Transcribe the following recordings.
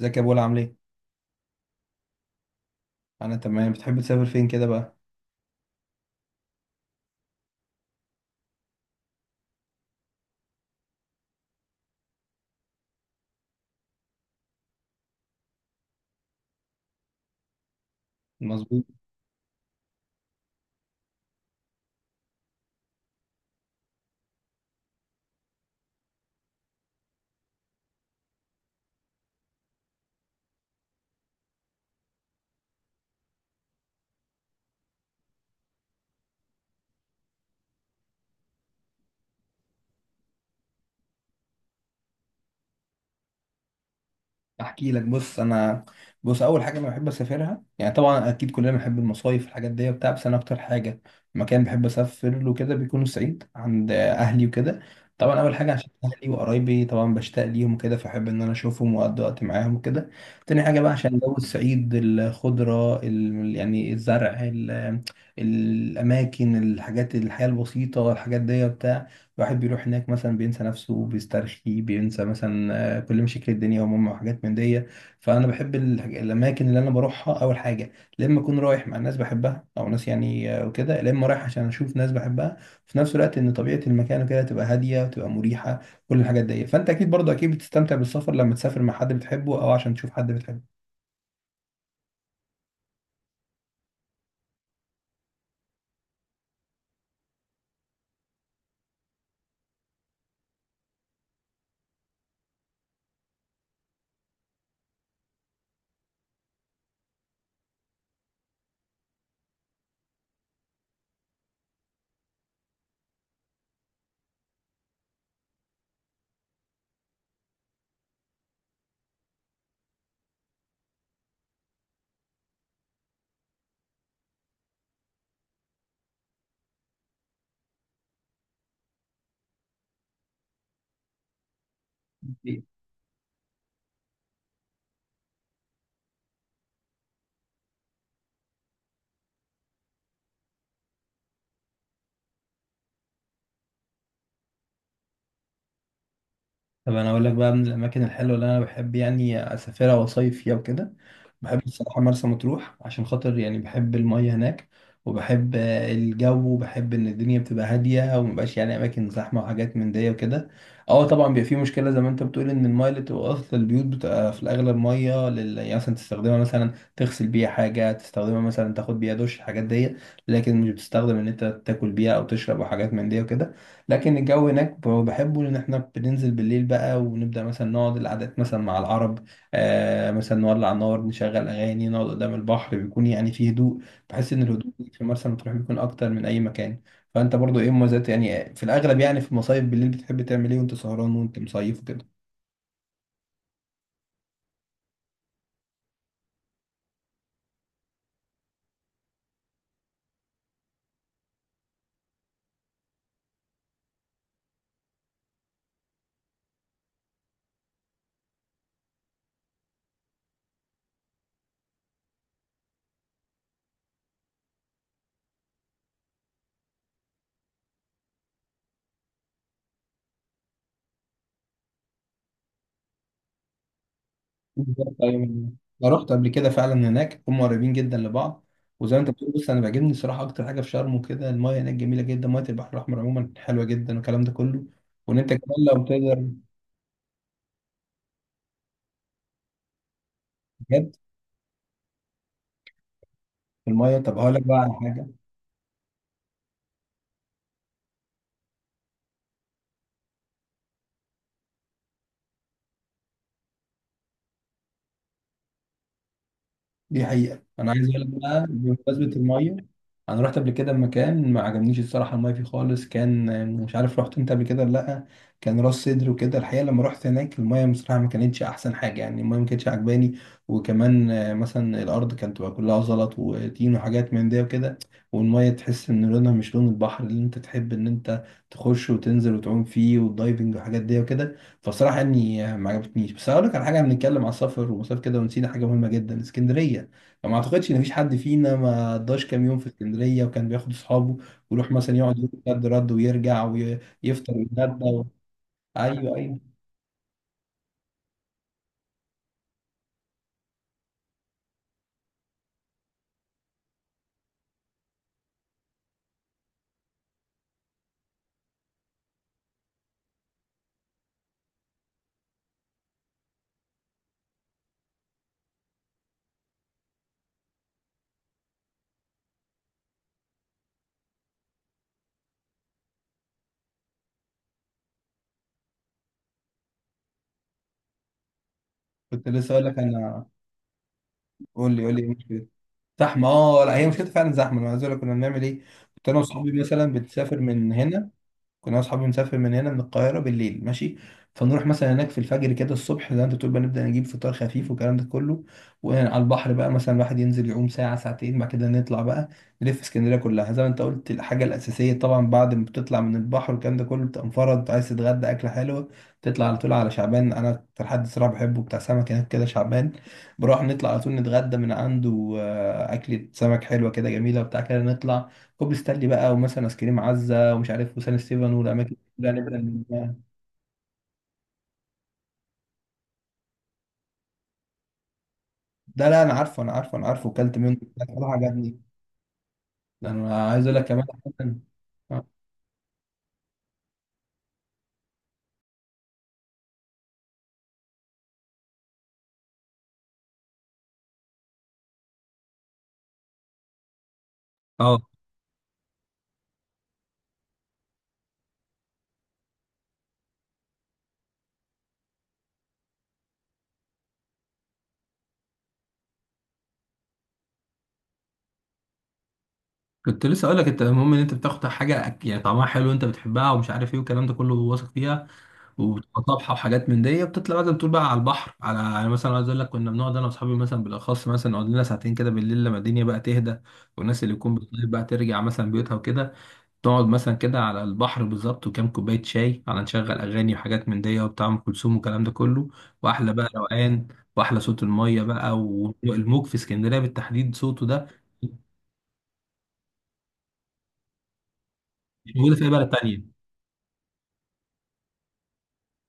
ازيك يا بولا، عامل ايه؟ انا تمام. بتحب تسافر فين كده بقى؟ مظبوط. احكي لك. بص انا، بص، اول حاجه انا بحب اسافرها يعني طبعا، اكيد كلنا بنحب المصايف الحاجات دي وبتاع. بس انا اكتر حاجه، مكان بحب اسافر له كده بيكون الصعيد عند اهلي وكده. طبعا اول حاجه عشان اهلي وقرايبي، طبعا بشتاق ليهم وكده، فاحب ان انا اشوفهم واقضي وقت معاهم وكده. تاني حاجه بقى عشان جو الصعيد، الخضره يعني الزرع الاماكن، الحاجات، الحياه البسيطه، الحاجات دي وبتاع. الواحد بيروح هناك مثلا بينسى نفسه، بيسترخي، بينسى مثلا كل شكل الدنيا وماما وحاجات من دي. فانا بحب الاماكن اللي انا بروحها اول حاجه، لا اما اكون رايح مع ناس بحبها، او ناس يعني وكده، لا اما رايح عشان اشوف ناس بحبها، في نفس الوقت ان طبيعه المكان وكده تبقى هاديه وتبقى مريحه كل الحاجات دي. فانت اكيد برضه، اكيد بتستمتع بالسفر لما تسافر مع حد بتحبه او عشان تشوف حد بتحبه. طب انا اقول لك بقى من الاماكن الحلوه اللي انا بحب يعني اسافرها واصيف فيها وكده، بحب الصراحه مرسى مطروح، عشان خاطر يعني بحب الميه هناك، وبحب الجو، وبحب ان الدنيا بتبقى هاديه ومبقاش يعني اماكن زحمه وحاجات من دي وكده. اه طبعا بيبقى في مشكله زي ما انت بتقول ان الميه اللي بتبقى اصلا البيوت بتبقى في الاغلب ميه يعني مثلا تستخدمها مثلا تغسل بيها حاجه، تستخدمها مثلا تاخد بيها دش، الحاجات دي. لكن مش بتستخدم ان انت تاكل بيها او تشرب او حاجات من دي وكده. لكن الجو هناك بحبه، لان احنا بننزل بالليل بقى ونبدا مثلا نقعد القعدات مثلا مع العرب، آه مثلا نولع نار، نشغل اغاني، نقعد قدام البحر، بيكون يعني فيه هدوء. بحس ان الهدوء في مرسى مطروح بيكون اكتر من اي مكان. فانت برضو ايه مميزات يعني، في الاغلب يعني في المصايف بالليل بتحب تعمل ايه وانت سهران وانت مصيف كده؟ بالظبط، أيوة. انا رحت قبل كده فعلا هناك، هم قريبين جدا لبعض. وزي ما انت بتقول بص، انا بيعجبني الصراحه اكتر حاجه في شرم وكده، المايه هناك جميله جدا، مايه البحر الاحمر عموما حلوه جدا والكلام ده كله. وان انت كمان لو تقدر. بجد؟ في المايه، طب هقول لك بقى على حاجه. دي حقيقة، أنا عايز أقول لك بقى بمناسبة المية، أنا رحت قبل كده مكان ما عجبنيش الصراحة المية فيه خالص، كان مش عارف رحت أنت قبل كده ولا لأ، كان راس سدر وكده. الحقيقة لما رحت هناك المية بصراحة ما كانتش أحسن حاجة، يعني المية ما كانتش عجباني. وكمان مثلا الأرض كانت تبقى كلها زلط وطين وحاجات من ده وكده. والمية تحس إن لونها مش لون البحر اللي أنت تحب إن أنت تخش وتنزل وتعوم فيه والدايفنج وحاجات دي وكده. فصراحة يعني ما عجبتنيش. بس هقول لك على حاجة، بنتكلم على السفر ومسافة كده ونسينا حاجة مهمة جدا، اسكندرية. ما اعتقدش ان فيش حد فينا ما قضاش كام يوم في اسكندريه وكان بياخد اصحابه ويروح مثلا يقعد يوم رد رد ويرجع ويفطر ويتغدى. ايوه ايوه، كنت لسه اقول لك انا. قول لي قول لي ايه المشكله؟ زحمه، اه لا هي مشكلتها فعلا زحمه. انا عايز اقول لك كنا بنعمل ايه. كنت انا واصحابي مثلا بنسافر من هنا، كنا اصحابي نسافر من هنا من القاهره بالليل ماشي، فنروح مثلا هناك في الفجر كده الصبح، زي ما انت بتقول بقى نبدا نجيب فطار خفيف والكلام ده كله. وعلى البحر بقى مثلا الواحد ينزل يعوم ساعه ساعتين، بعد كده نطلع بقى نلف اسكندريه كلها. زي ما انت قلت، الحاجه الاساسيه طبعا بعد ما بتطلع من البحر والكلام ده كله بتبقى مفرد، عايز تتغدى اكله حلوه، تطلع على طول على شعبان. انا اكتر حد صراحه بحبه بتاع سمك هناك كده شعبان، بروح نطلع على طول نتغدى من عنده، اكله سمك حلوه كده جميله وبتاع كده نطلع كوبري ستانلي بقى، ومثلا ايس كريم عزه ومش عارف، وسان ستيفن، والاماكن دي كلها نبدا من هناك. ده لا، انا عارفه انا عارفه انا عارفه، وكلت منه. بصراحه عجبني. ده انا عايز اقول لك كمان. آه. اه كنت لسه اقول لك، انت المهم ان انت بتاخد حاجه يعني طعمها حلو، انت بتحبها ومش عارف ايه والكلام ده كله، واثق فيها وبتبقى طابحه وحاجات من دي. بتطلع بقى زي ما بتقول بقى على البحر، على يعني مثلا عايز اقول لك كنا بنقعد انا واصحابي مثلا بالاخص مثلا نقعد لنا ساعتين كده بالليل لما الدنيا بقى تهدى والناس اللي يكون بتطيب بقى ترجع مثلا بيوتها وكده. تقعد مثلا كده على البحر بالظبط، وكام كوباية شاي، على نشغل أغاني وحاجات من دي وبتاع أم كلثوم والكلام ده كله، وأحلى بقى روقان، وأحلى صوت المية بقى والموج في اسكندرية بالتحديد صوته ده مش موجود في أي بلد تانية.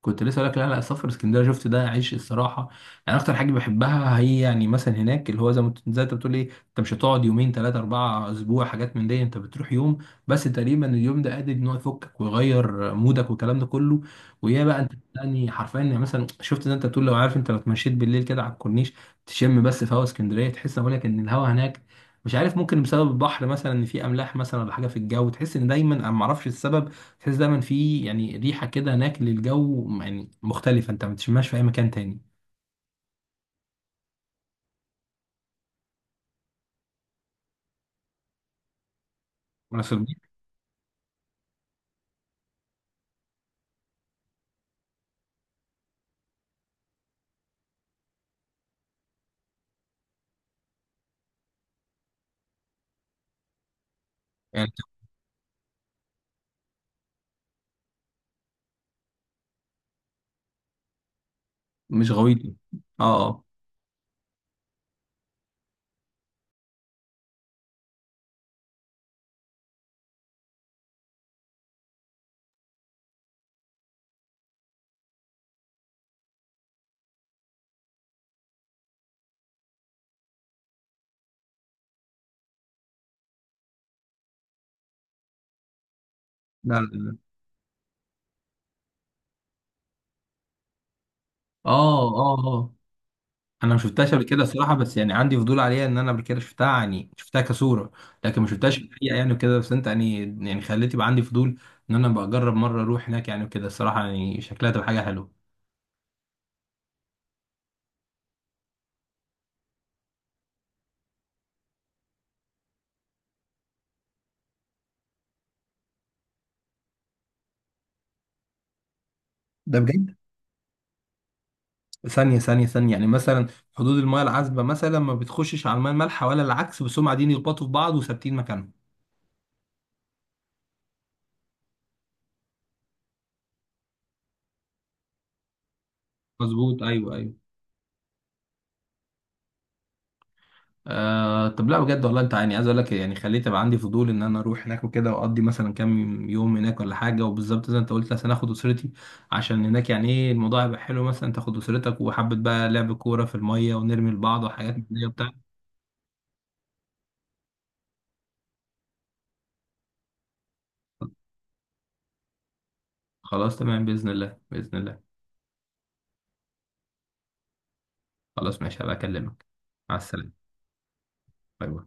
كنت لسه اقول لك، لا لا، السفر اسكندريه، شفت ده عيش الصراحه. يعني اكتر حاجه بحبها هي يعني مثلا هناك اللي هو، زي ما زي انت بتقول ايه، انت مش هتقعد يومين ثلاثه اربعه اسبوع حاجات من دي، انت بتروح يوم بس، تقريبا اليوم ده قادر ان هو يفكك ويغير مودك والكلام ده كله. ويا بقى انت يعني حرفيا، يعني مثلا شفت زي انت بتقول، لو عارف انت لو اتمشيت بالليل كده على الكورنيش، تشم بس في هوا اسكندريه، تحس، بقول لك ان الهوا هناك، مش عارف، ممكن بسبب البحر مثلا ان في املاح مثلا، ولا حاجه في الجو، تحس ان دايما، انا ما اعرفش السبب، تحس دايما في يعني ريحه كده هناك للجو، يعني مختلفه انت ما بتشمهاش في اي مكان تاني. راس البر. يعني مش غويطه. اه اه. لا لا لا. اه اه اه. انا ما شفتهاش قبل كده صراحه، بس يعني عندي فضول عليها ان انا قبل كده شفتها، يعني شفتها كصوره. لكن ما شفتهاش في الحقيقه يعني وكده، بس انت يعني خليت يبقى عندي فضول ان انا بقى اجرب مره اروح هناك يعني وكده، الصراحه يعني شكلها تبقى حاجه حلوه. ده بجد؟ ثانية ثانية ثانية، يعني مثلا حدود المياه العذبة مثلا ما بتخشش على المياه المالحة ولا العكس، بس هم قاعدين يخبطوا في بعض وثابتين مكانهم. مظبوط، ايوه ايوه. آه طب، لا بجد والله، انت يعني عايز اقول لك يعني خليت ابقى عندي فضول ان انا اروح هناك وكده واقضي مثلا كام يوم هناك ولا حاجه، وبالظبط زي ما انت قلت مثلا اخد اسرتي، عشان هناك يعني ايه، الموضوع هيبقى حلو مثلا تاخد اسرتك وحبه بقى لعب كوره في الميه ونرمي لبعض وحاجات من دي وبتاع. خلاص تمام، باذن الله باذن الله. خلاص ماشي هبقى اكلمك. مع السلامه. باي باي.